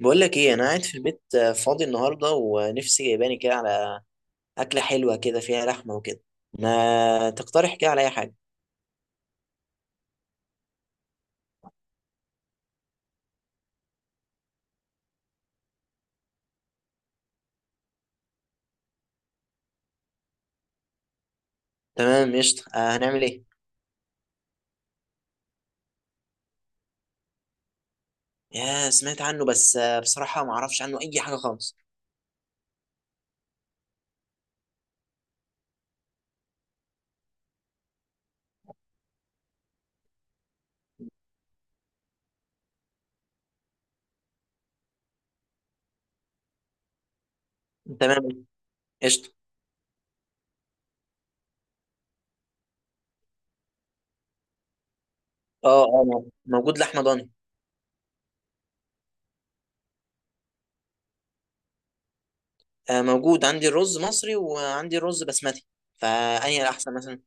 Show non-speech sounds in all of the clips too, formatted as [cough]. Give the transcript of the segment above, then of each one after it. بقول لك ايه، انا قاعد في البيت، فاضي النهارده ونفسي جايباني كده على اكله حلوه كده فيها لحمه وكده. ما تقترح كده على اي حاجه؟ تمام، قشطه. هنعمل ايه؟ يا سمعت عنه بس، بصراحه ما اعرفش عنه اي حاجه خالص. تمام، قشطه. اه اه، موجود لحمه ضاني. موجود عندي الرز مصري وعندي الرز بسمتي، فانهي الاحسن مثلا؟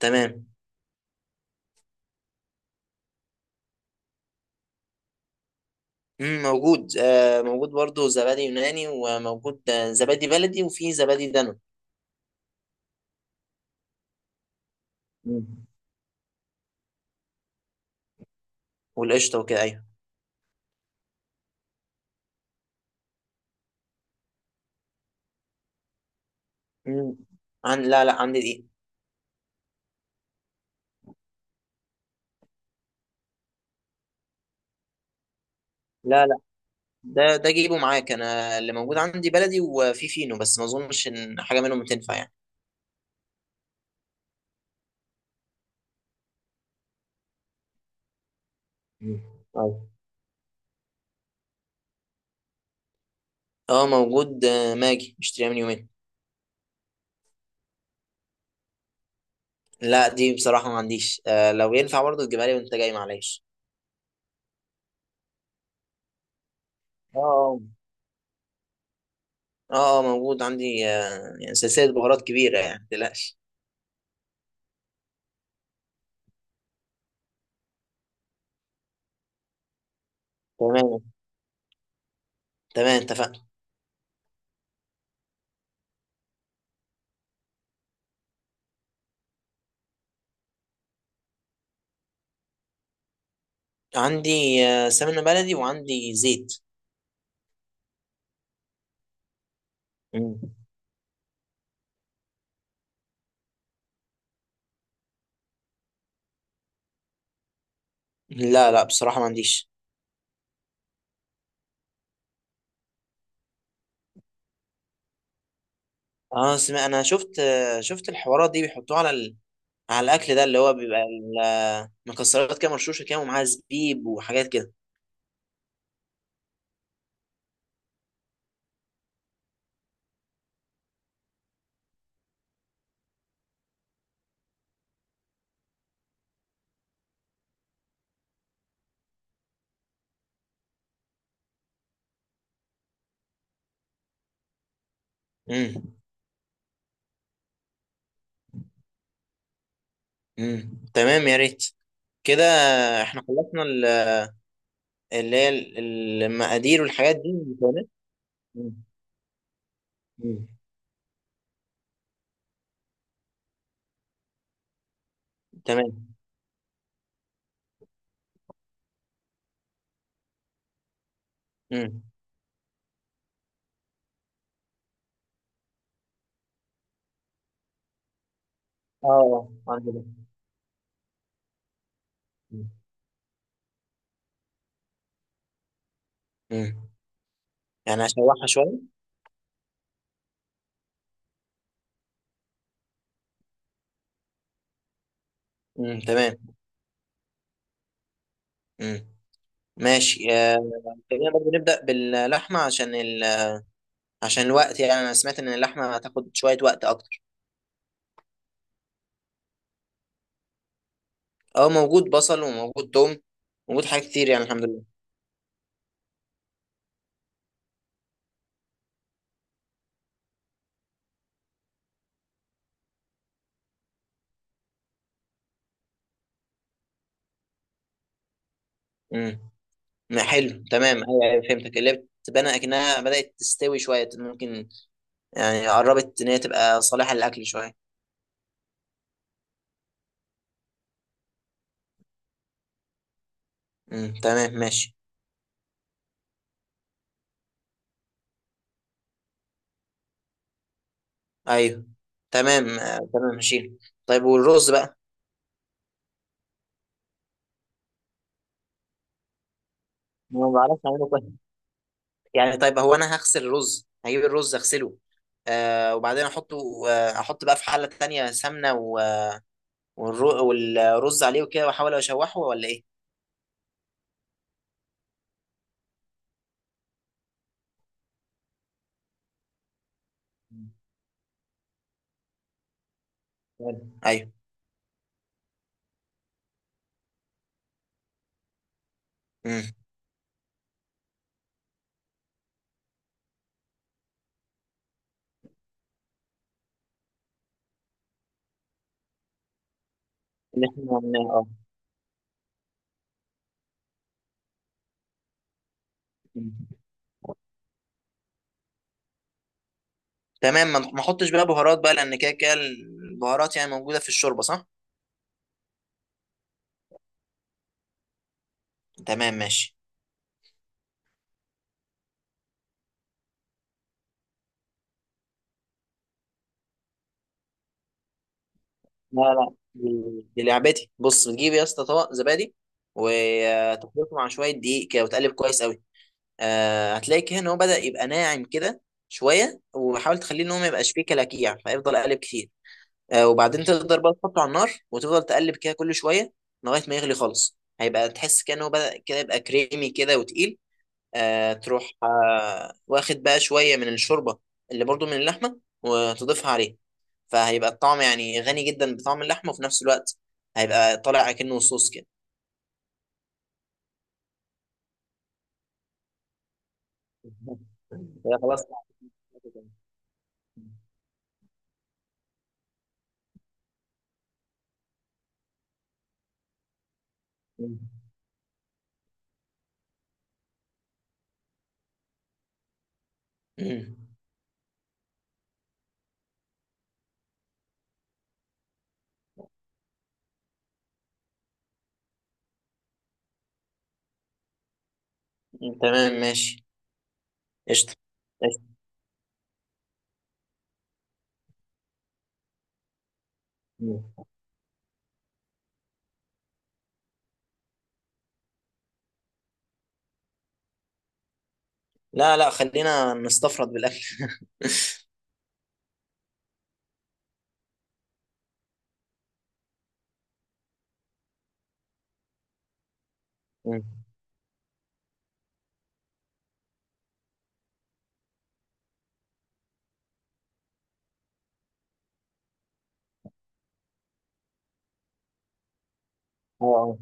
تمام. موجود، موجود برضه زبادي يوناني، وموجود، زبادي بلدي، وفي زبادي دانون. مم. والقشطه وكده، أيوة. مم. لا لا، عندي دي. لا لا، ده جيبه معاك، انا اللي موجود عندي بلدي وفي فينو، بس ما اظنش ان حاجه منهم تنفع يعني. مم. أيوة. اه موجود، ماجي مشتريها من يومين. لا، دي بصراحه ما عنديش، لو ينفع برضه تجيبها لي وانت جاي، معلش. اه اه اه، موجود عندي، يعني سلسله بهارات كبيره، يعني ما تقلقش. تمام. تمام، اتفقنا. عندي، سمنه بلدي وعندي زيت. مم. لا لا، بصراحه ما عنديش. اه، انا شفت الحوارات دي بيحطوها على الاكل ده، اللي هو بيبقى مكسرات كده مرشوشه كده، ومعاها زبيب وحاجات كده. امم تمام، يا ريت كده. احنا خلصنا اللي هي المقادير والحاجات دي، المكونات. مم. مم. تمام. امم اه، عندي ده. مم. مم. يعني هشوحها شويه. تمام. امم ماشي، خلينا برضه نبدا باللحمه عشان عشان الوقت، يعني انا سمعت ان اللحمه هتاخد شويه وقت اكتر. اه موجود بصل وموجود توم، موجود حاجات كتير، يعني الحمد لله. مم. ما حلو، تمام. ايوه ايوه، فهمتك، اللي بتبان اكنها بدات تستوي شويه، ممكن يعني قربت ان هي تبقى صالحه للاكل شويه. تمام ماشي. ايوه، تمام، تمام ماشي. طيب، والرز بقى؟ ما بعرفش اعمله كويس، يعني طيب، هو انا هغسل الرز، هجيب الرز اغسله، وبعدين احطه، احط بقى في حله تانية سمنه والرز عليه وكده، واحاول اشوحه ولا ايه؟ مم. ايوه. امم اللي احنا عملناه. اه تمام، ما احطش بقى بهارات بقى، لان كده كده البهارات يعني موجوده في الشوربه، صح؟ تمام ماشي. لا لا، دي لعبتي، بص، بتجيب يا اسطى طبق زبادي، وتخلطه مع شويه دقيق كده، وتقلب كويس قوي. هتلاقي كده ان هو بدا يبقى ناعم كده شويه، وحاول تخليه ان هو ما يبقاش فيه كلاكيع، فيفضل قالب كتير. وبعدين تقدر بقى تحطه على النار، وتفضل تقلب كده كل شويه، لغايه ما يغلي خالص، هيبقى تحس كده ان هو بدا كده يبقى كريمي كده وتقيل. تروح، واخد بقى شوية من الشوربة اللي برضو من اللحمة، وتضيفها عليه، فهيبقى الطعم يعني غني جدا بطعم اللحمة، وفي نفس الوقت هيبقى طالع أكنه صوص كده. [laughs] هي خلاص. مم. مم. تمام ماشي. قشطة. قشطة. مم. لا لا، خلينا نستفرد بالأكل. [laughs] مم. اه، آه.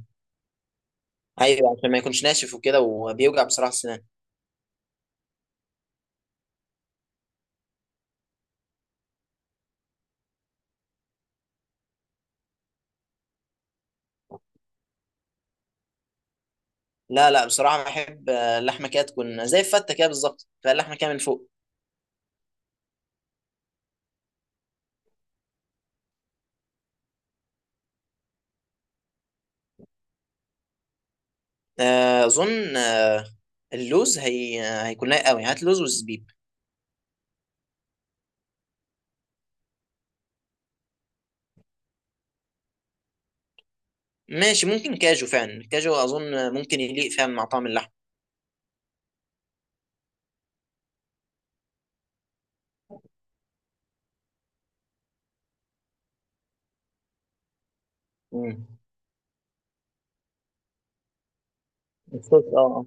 ايوه، عشان ما يكونش ناشف وكده، وبيوجع بصراحة السنان. لا لا، بصراحة بحب، اللحمة كده تكون زي الفتة كده بالظبط، فاللحمة كده من فوق. اظن، اللوز هي، هيكون لايق قوي، هات لوز وزبيب. ماشي، ممكن كاجو، فعلا كاجو اظن ممكن يليق فعلا مع طعم اللحم. امم الصوص، اه اه.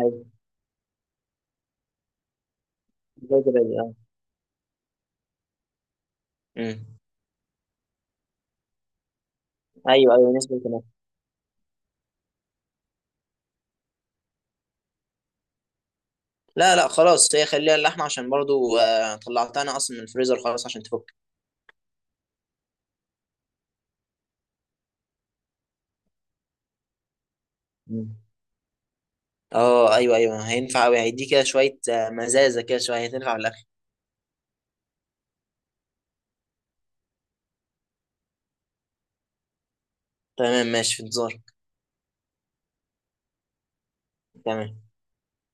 ايوه، زي زبادي، اه. مم. ايوه ايوه، نسبة كمان. لا لا خلاص، هي خليها اللحمه عشان برضو، طلعتها انا اصلا من الفريزر خلاص عشان تفك. مم. اه ايوه ايوه، هينفع قوي، هيدي كده شويه، مزازه كده شويه، هتنفع في الاكل. تمام ماشي، في انتظار. تمام.